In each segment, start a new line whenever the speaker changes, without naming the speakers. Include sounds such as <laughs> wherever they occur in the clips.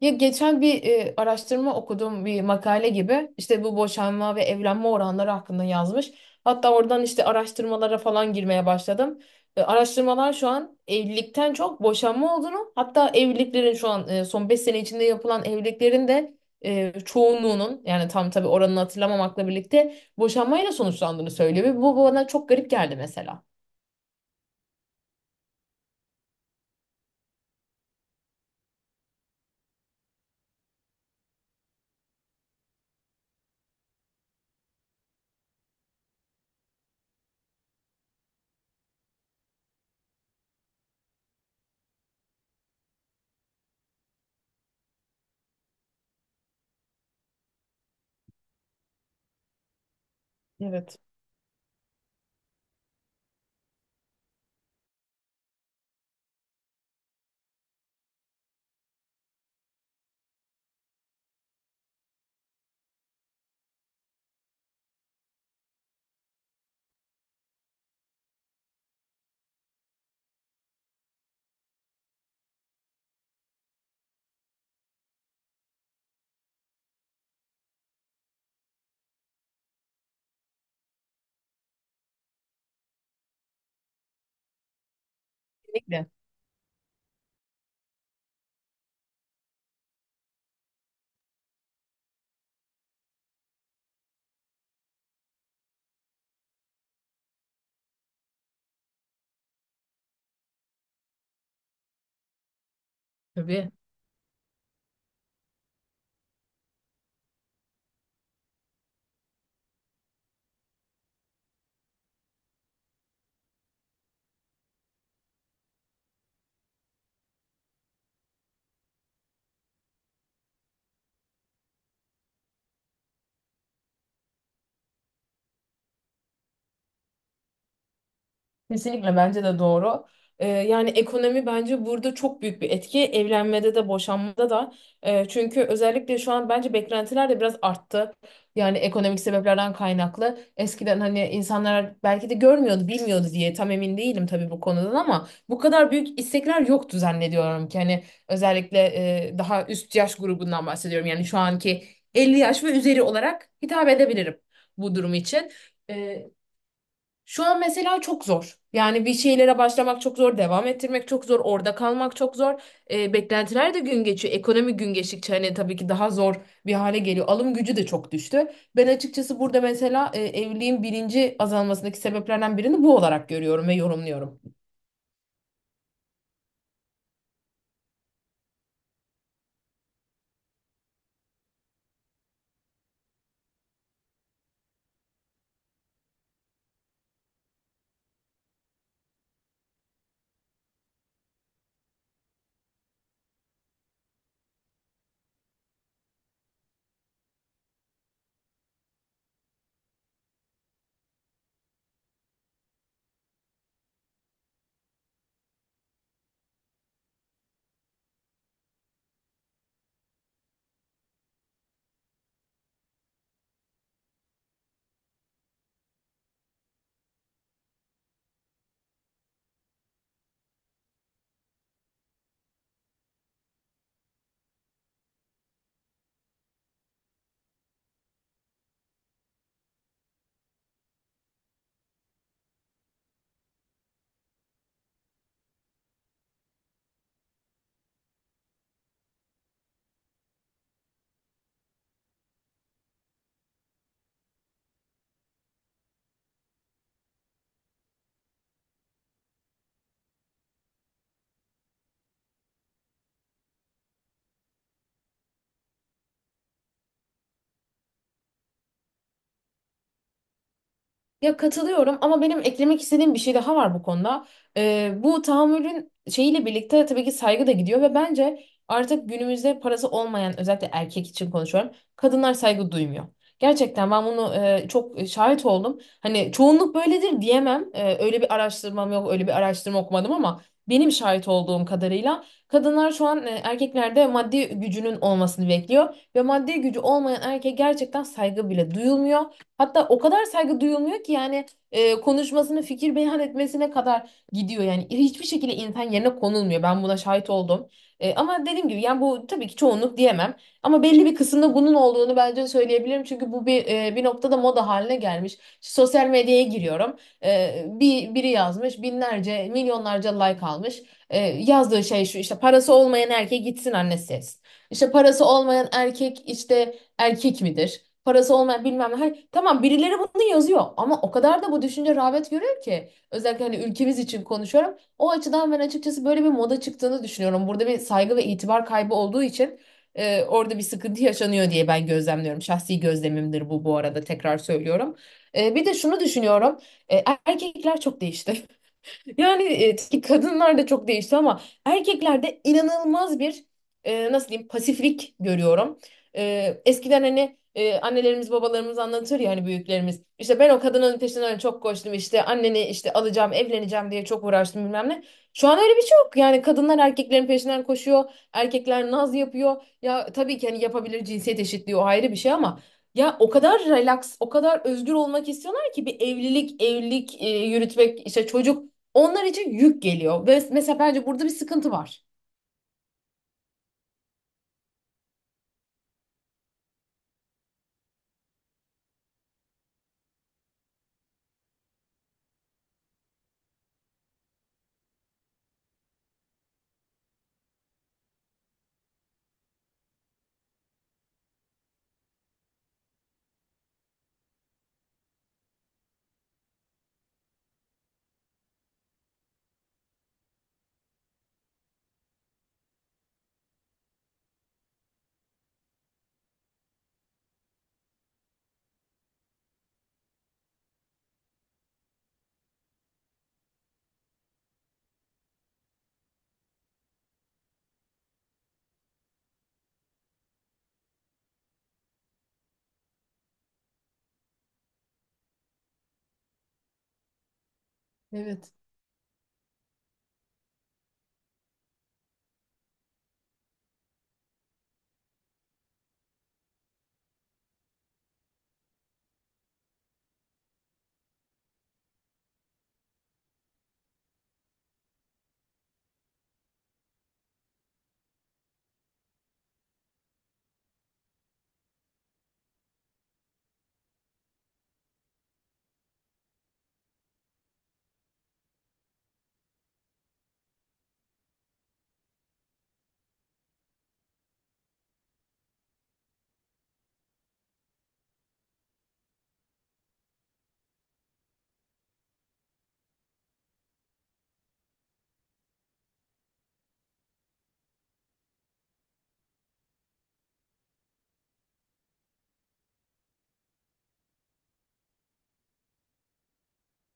Ya geçen bir araştırma okuduğum bir makale gibi işte bu boşanma ve evlenme oranları hakkında yazmış. Hatta oradan işte araştırmalara falan girmeye başladım. Araştırmalar şu an evlilikten çok boşanma olduğunu hatta evliliklerin şu an son 5 sene içinde yapılan evliliklerin de çoğunluğunun yani tam tabii oranını hatırlamamakla birlikte boşanmayla sonuçlandığını söylüyor. Ve bu bana çok garip geldi mesela. Evet. Kesinlikle. Tabii. Kesinlikle bence de doğru. Yani ekonomi bence burada çok büyük bir etki. Evlenmede de boşanmada da. Çünkü özellikle şu an bence beklentiler de biraz arttı. Yani ekonomik sebeplerden kaynaklı. Eskiden hani insanlar belki de görmüyordu, bilmiyordu diye tam emin değilim tabii bu konudan ama bu kadar büyük istekler yoktu zannediyorum ki. Hani özellikle daha üst yaş grubundan bahsediyorum. Yani şu anki 50 yaş ve üzeri olarak hitap edebilirim bu durum için. Ee, Şu an mesela çok zor. Yani bir şeylere başlamak çok zor, devam ettirmek çok zor, orada kalmak çok zor. Beklentiler de gün geçiyor. Ekonomi gün geçtikçe hani tabii ki daha zor bir hale geliyor. Alım gücü de çok düştü. Ben açıkçası burada mesela evliliğin birinci azalmasındaki sebeplerden birini bu olarak görüyorum ve yorumluyorum. Ya katılıyorum ama benim eklemek istediğim bir şey daha var bu konuda. Bu tahammülün şeyiyle birlikte tabii ki saygı da gidiyor ve bence artık günümüzde parası olmayan özellikle erkek için konuşuyorum. Kadınlar saygı duymuyor. Gerçekten ben bunu çok şahit oldum. Hani çoğunluk böyledir diyemem. Öyle bir araştırmam yok, öyle bir araştırma okumadım ama benim şahit olduğum kadarıyla kadınlar şu an erkeklerde maddi gücünün olmasını bekliyor ve maddi gücü olmayan erkeğe gerçekten saygı bile duyulmuyor. Hatta o kadar saygı duyulmuyor ki yani konuşmasını, fikir beyan etmesine kadar gidiyor. Yani hiçbir şekilde insan yerine konulmuyor. Ben buna şahit oldum. Ama dediğim gibi yani bu tabii ki çoğunluk diyemem. Ama belli bir kısımda bunun olduğunu bence söyleyebilirim. Çünkü bu bir noktada moda haline gelmiş. İşte sosyal medyaya giriyorum. Biri yazmış binlerce, milyonlarca like almış. Yazdığı şey şu, işte parası olmayan erkeğe gitsin annesi etsin. İşte parası olmayan erkek işte erkek midir? Parası olmayan bilmem ne. Hani, tamam birileri bunu yazıyor ama o kadar da bu düşünce rağbet görüyor ki. Özellikle hani ülkemiz için konuşuyorum. O açıdan ben açıkçası böyle bir moda çıktığını düşünüyorum. Burada bir saygı ve itibar kaybı olduğu için orada bir sıkıntı yaşanıyor diye ben gözlemliyorum. Şahsi gözlemimdir bu, bu arada tekrar söylüyorum. Bir de şunu düşünüyorum. Erkekler çok değişti. Yani ki kadınlar da çok değişti ama erkeklerde inanılmaz bir nasıl diyeyim pasiflik görüyorum. Eskiden hani annelerimiz babalarımız anlatır ya hani büyüklerimiz, İşte ben o kadının peşinden çok koştum, işte anneni işte alacağım evleneceğim diye çok uğraştım bilmem ne. Şu an öyle bir şey yok, yani kadınlar erkeklerin peşinden koşuyor, erkekler naz yapıyor, ya tabii ki hani yapabilir, cinsiyet eşitliği o ayrı bir şey ama. Ya o kadar relax, o kadar özgür olmak istiyorlar ki bir evlilik yürütmek, işte çocuk onlar için yük geliyor. Ve mesela bence burada bir sıkıntı var. Evet.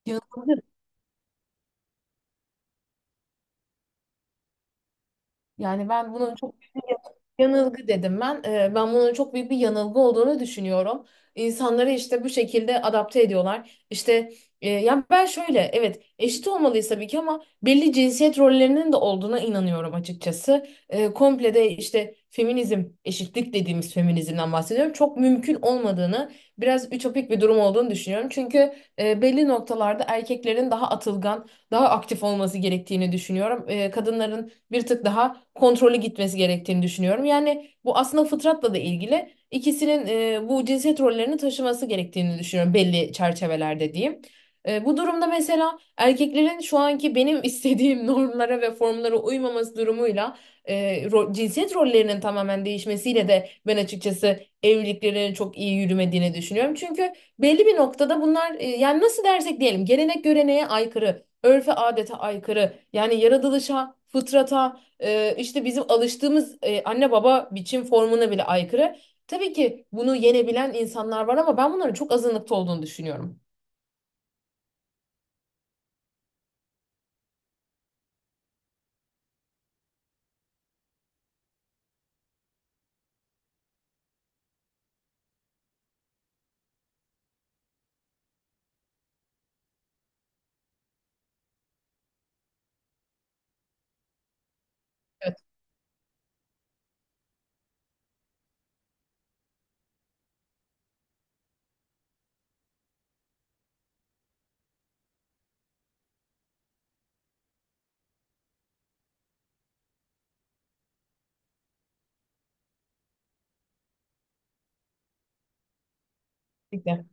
Yanılabilir. Yani ben bunun çok büyük bir yanılgı dedim ben. Ben bunun çok büyük bir yanılgı olduğunu düşünüyorum. İnsanları işte bu şekilde adapte ediyorlar. İşte yani ben şöyle, evet eşit olmalıyız tabii ki ama belli cinsiyet rollerinin de olduğuna inanıyorum açıkçası. Komple de işte feminizm, eşitlik dediğimiz feminizmden bahsediyorum. Çok mümkün olmadığını, biraz ütopik bir durum olduğunu düşünüyorum. Çünkü belli noktalarda erkeklerin daha atılgan, daha aktif olması gerektiğini düşünüyorum. Kadınların bir tık daha kontrollü gitmesi gerektiğini düşünüyorum. Yani bu aslında fıtratla da ilgili, ikisinin bu cinsiyet rollerini taşıması gerektiğini düşünüyorum belli çerçevelerde diyeyim. Bu durumda mesela erkeklerin şu anki benim <laughs> istediğim normlara ve formlara uymaması durumuyla, e, cinsiyet rollerinin tamamen değişmesiyle de ben açıkçası evliliklerin çok iyi yürümediğini düşünüyorum. Çünkü belli bir noktada bunlar yani nasıl dersek diyelim gelenek göreneğe aykırı, örfe adete aykırı. Yani yaratılışa, fıtrata, işte bizim alıştığımız anne baba biçim formuna bile aykırı. Tabii ki bunu yenebilen insanlar var ama ben bunların çok azınlıkta olduğunu düşünüyorum. Evet. Kesinlikle.